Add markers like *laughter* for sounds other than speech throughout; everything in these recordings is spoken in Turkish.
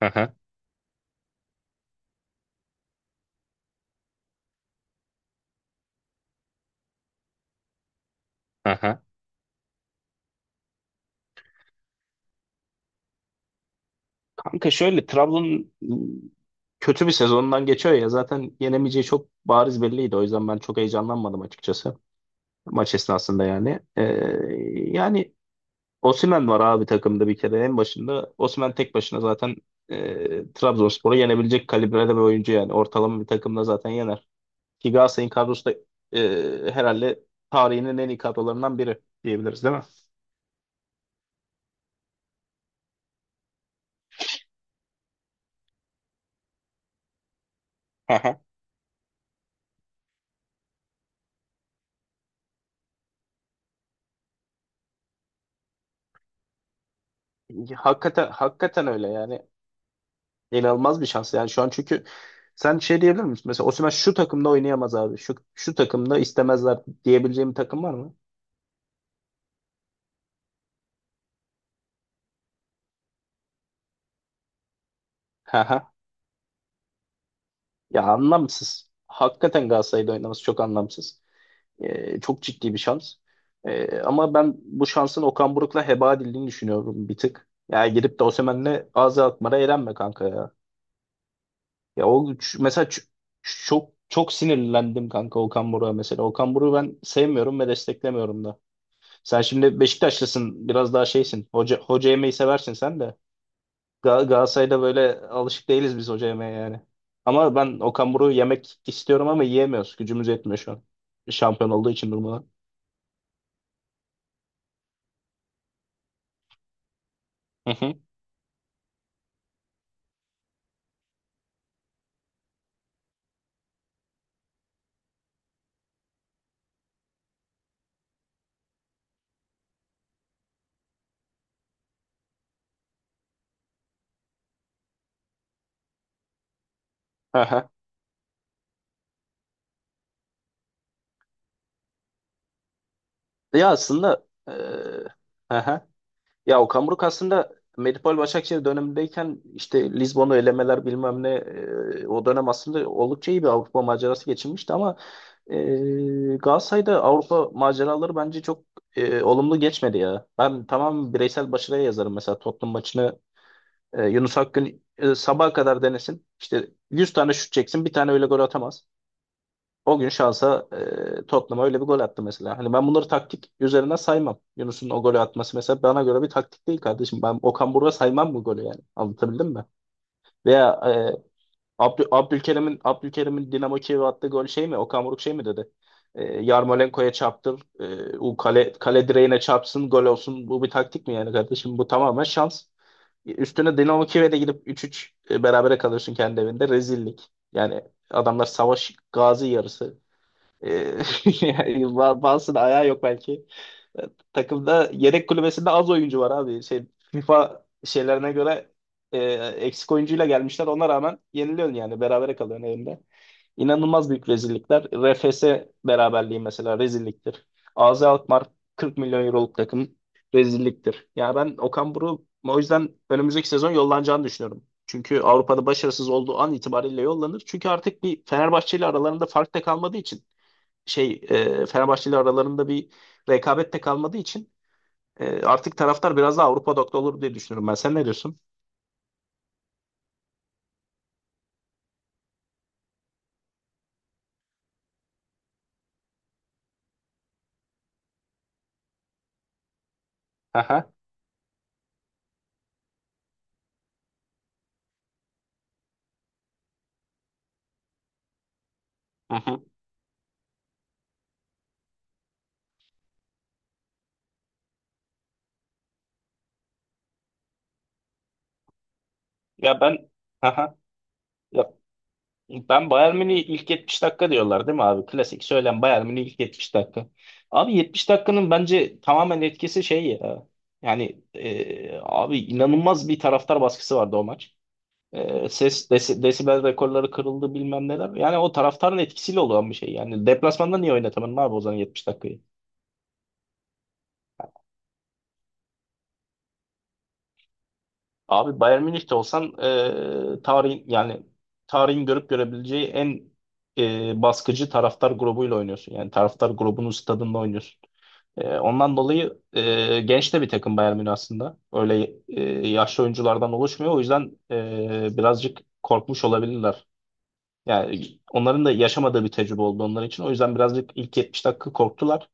Aha, aha. Kanka şöyle Trabzon kötü bir sezondan geçiyor ya zaten yenemeyeceği çok bariz belliydi. O yüzden ben çok heyecanlanmadım açıkçası maç esnasında yani. Yani Osimhen var abi takımda bir kere en başında. Osimhen tek başına zaten Trabzonspor'u yenebilecek kalibrede bir oyuncu yani. Ortalama bir takımda zaten yener. Ki Galatasaray'ın kadrosu da herhalde tarihinin en iyi kadrolarından biri diyebiliriz değil mi? Aha. Hakikaten, hakikaten öyle yani. İnanılmaz bir şans yani şu an, çünkü sen şey diyebilir misin? Mesela Osimhen şu takımda oynayamaz abi. Şu şu takımda istemezler diyebileceğim bir takım var mı? Haha. Ya anlamsız. Hakikaten Galatasaray'da oynaması çok anlamsız. Çok ciddi bir şans. Ama ben bu şansın Okan Buruk'la heba edildiğini düşünüyorum bir tık. Ya gidip de Osimhen'le ağzı atmara eğlenme kanka ya. Ya o mesela çok çok sinirlendim kanka Okan Buruk'a mesela. Okan Buruk'u ben sevmiyorum ve desteklemiyorum da. Sen şimdi Beşiktaşlısın, biraz daha şeysin. Hoca yemeyi seversin sen de. Galatasaray'da böyle alışık değiliz biz hoca yemeye yani. Ama ben Okan Buruk'u yemek istiyorum ama yiyemiyoruz. Gücümüz yetmiyor şu an. Şampiyon olduğu için durmadan. Hı hı. Aha. Ya aslında. Aha. Ya Okan Buruk aslında Medipol Başakşehir dönemindeyken işte Lizbon'u elemeler bilmem ne o dönem aslında oldukça iyi bir Avrupa macerası geçirmişti, ama Galatasaray'da Avrupa maceraları bence çok olumlu geçmedi ya. Ben tamam, bireysel başarıya yazarım mesela Tottenham maçını. Yunus Akgün sabaha kadar denesin. İşte 100 tane şut çeksin, bir tane öyle gol atamaz. O gün şansa Tottenham'a öyle bir gol attı mesela. Hani ben bunları taktik üzerine saymam. Yunus'un o golü atması mesela bana göre bir taktik değil kardeşim. Ben Okan Buruk'a saymam bu golü yani. Anlatabildim mi? Veya Abdülkerim'in Dinamo Kiev'e attığı gol şey mi? Okan Buruk şey mi dedi? Yarmolenko'ya çarptır. O kale direğine çarpsın, gol olsun. Bu bir taktik mi yani kardeşim? Bu tamamen şans. Üstüne Dinamo Kiev'e de gidip 3-3 berabere kalıyorsun kendi evinde. Rezillik. Yani adamlar savaş gazi yarısı. E, *laughs* yani bazısının ayağı yok belki. Takımda yedek kulübesinde az oyuncu var abi. Şey, FIFA şeylerine göre eksik oyuncuyla gelmişler. Ona rağmen yeniliyorsun yani. Berabere kalıyorsun evinde. İnanılmaz büyük rezillikler. RFS beraberliği mesela rezilliktir. AZ Alkmaar, 40 milyon euroluk takım, rezilliktir. Yani ben Okan Buruk'u o yüzden önümüzdeki sezon yollanacağını düşünüyorum. Çünkü Avrupa'da başarısız olduğu an itibariyle yollanır. Çünkü artık bir Fenerbahçe ile aralarında fark da kalmadığı için, şey, Fenerbahçe ile aralarında bir rekabet de kalmadığı için artık taraftar biraz daha Avrupa odaklı olur diye düşünüyorum ben. Sen ne diyorsun? Aha, aha. Ya ben, aha, ya ben Bayern Münih ilk 70 dakika diyorlar değil mi abi? Klasik söylem, Bayern Münih ilk 70 dakika. Abi 70 dakikanın bence tamamen etkisi şey ya. Yani abi inanılmaz bir taraftar baskısı vardı o maç. Ses desibel rekorları kırıldı bilmem neler. Yani o taraftarın etkisiyle olan bir şey. Yani deplasmanda niye oynatamadın abi o zaman 70 dakikayı? Abi Bayern Münih'te olsan, tarihin yani tarihin görüp görebileceği en baskıcı taraftar grubuyla oynuyorsun. Yani taraftar grubunun stadında oynuyorsun. Ondan dolayı genç de bir takım Bayern Münih aslında. Öyle yaşlı oyunculardan oluşmuyor. O yüzden birazcık korkmuş olabilirler. Yani onların da yaşamadığı bir tecrübe oldu onlar için. O yüzden birazcık ilk 70 dakika korktular.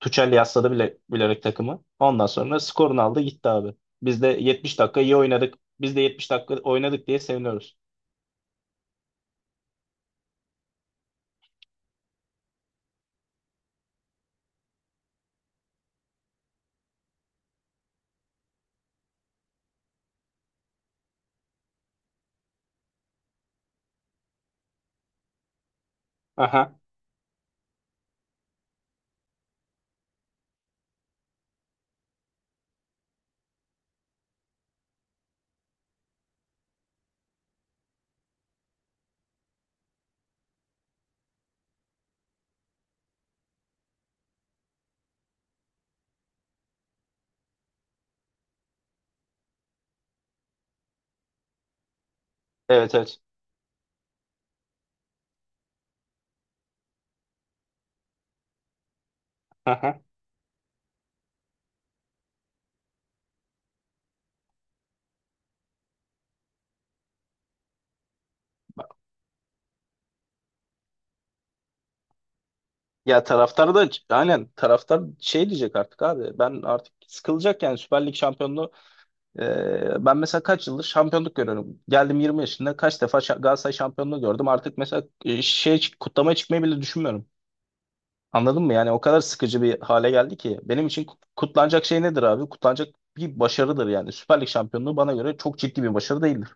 Tuchel yasladı bile, bilerek takımı. Ondan sonra skorunu aldı gitti abi. Biz de 70 dakika iyi oynadık. Biz de 70 dakika oynadık diye seviniyoruz. Aha. Evet, evet. Aha. Ya taraftar da aynen, taraftar şey diyecek artık abi. Ben artık sıkılacak yani Süper Lig şampiyonluğu. Ben mesela kaç yıldır şampiyonluk görüyorum. Geldim 20 yaşında, kaç defa Galatasaray şampiyonluğu gördüm. Artık mesela şey, kutlama çıkmayı bile düşünmüyorum. Anladın mı? Yani o kadar sıkıcı bir hale geldi ki. Benim için kutlanacak şey nedir abi? Kutlanacak bir başarıdır yani. Süper Lig şampiyonluğu bana göre çok ciddi bir başarı değildir.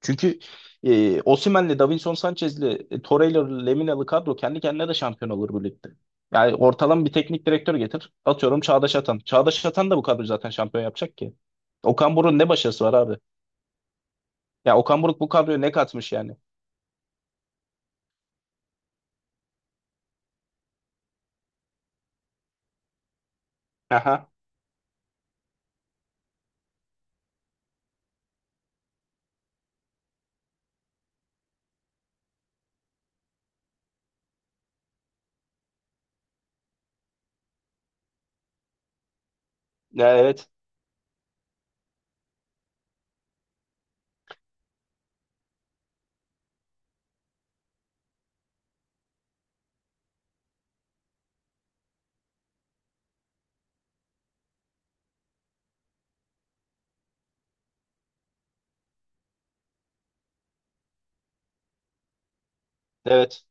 Çünkü Osimhen'le, Davinson Sanchez'li, Torreira'lı, Lemina'lı kadro kendi kendine de şampiyon olur bu ligde. Yani ortalama bir teknik direktör getir. Atıyorum, Çağdaş Atan. Çağdaş Atan da bu kadroyu zaten şampiyon yapacak ki. Okan Buruk'un ne başarısı var abi? Ya Okan Buruk bu kadroya ne katmış yani? Aha. Ya, evet. Evet.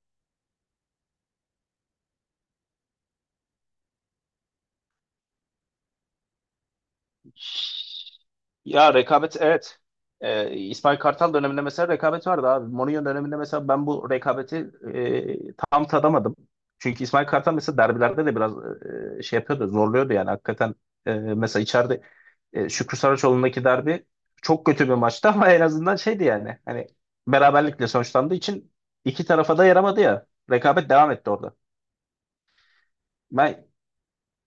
Ya, rekabet, evet. İsmail Kartal döneminde mesela rekabet vardı abi. Mourinho döneminde mesela ben bu rekabeti tam tadamadım. Çünkü İsmail Kartal mesela derbilerde de biraz şey yapıyordu, zorluyordu yani hakikaten. Mesela içeride Şükrü Saraçoğlu'ndaki derbi çok kötü bir maçtı *laughs* ama en azından şeydi yani. Hani, beraberlikle sonuçlandığı için iki tarafa da yaramadı ya. Rekabet devam etti orada. Ben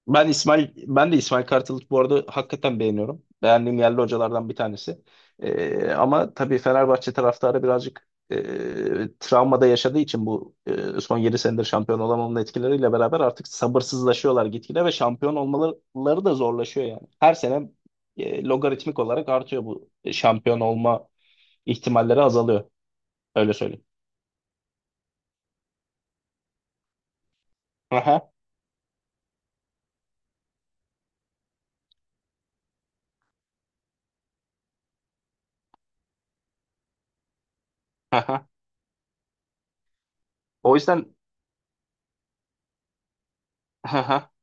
ben de İsmail Kartal'ı bu arada hakikaten beğeniyorum. Beğendiğim yerli hocalardan bir tanesi. Ama tabii Fenerbahçe taraftarı birazcık travmada yaşadığı için bu son 7 senedir şampiyon olamamanın etkileriyle beraber artık sabırsızlaşıyorlar gitgide, ve şampiyon olmaları da zorlaşıyor yani. Her sene logaritmik olarak artıyor bu şampiyon olma ihtimalleri azalıyor. Öyle söyleyeyim. Aha, aha. O yüzden *laughs*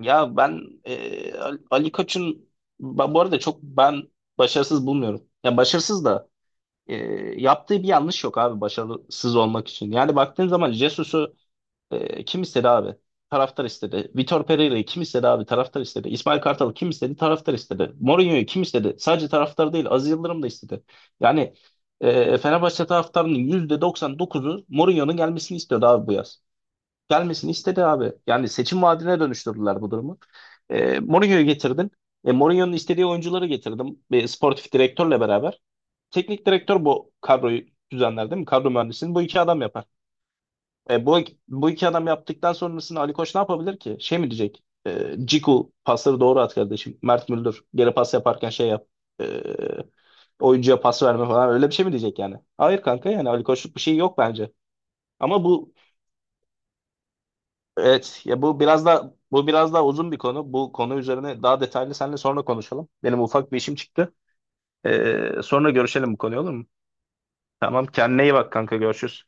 Ya ben Ali Koç'un bu arada çok ben başarısız bulmuyorum. Ya başarısız da e, yaptığı bir yanlış yok abi başarısız olmak için. Yani baktığın zaman, Jesus'u kim istedi abi? Taraftar istedi. Vitor Pereira'yı kim istedi abi? Taraftar istedi. İsmail Kartal'ı kim istedi? Taraftar istedi. Mourinho'yu kim istedi? Sadece taraftar değil, Aziz Yıldırım da istedi. Yani Fenerbahçe taraftarının %99'u Mourinho'nun gelmesini istiyordu abi, bu yaz gelmesini istedi abi. Yani seçim vaadine dönüştürdüler bu durumu. Mourinho'yu getirdin. Mourinho'nun istediği oyuncuları getirdim. Sportif direktörle beraber. Teknik direktör bu kadroyu düzenler değil mi? Kadro mühendisini bu iki adam yapar. E, bu, bu iki adam yaptıktan sonrasında Ali Koç ne yapabilir ki? Şey mi diyecek? Ciku pasları doğru at kardeşim. Mert Müldür geri pas yaparken şey yap. E, oyuncuya pas verme falan, öyle bir şey mi diyecek yani? Hayır kanka, yani Ali Koç'luk bir şey yok bence. Ama bu Evet, ya bu biraz daha uzun bir konu. Bu konu üzerine daha detaylı seninle sonra konuşalım. Benim ufak bir işim çıktı. Sonra görüşelim bu konuyu, olur mu? Tamam, kendine iyi bak kanka, görüşürüz.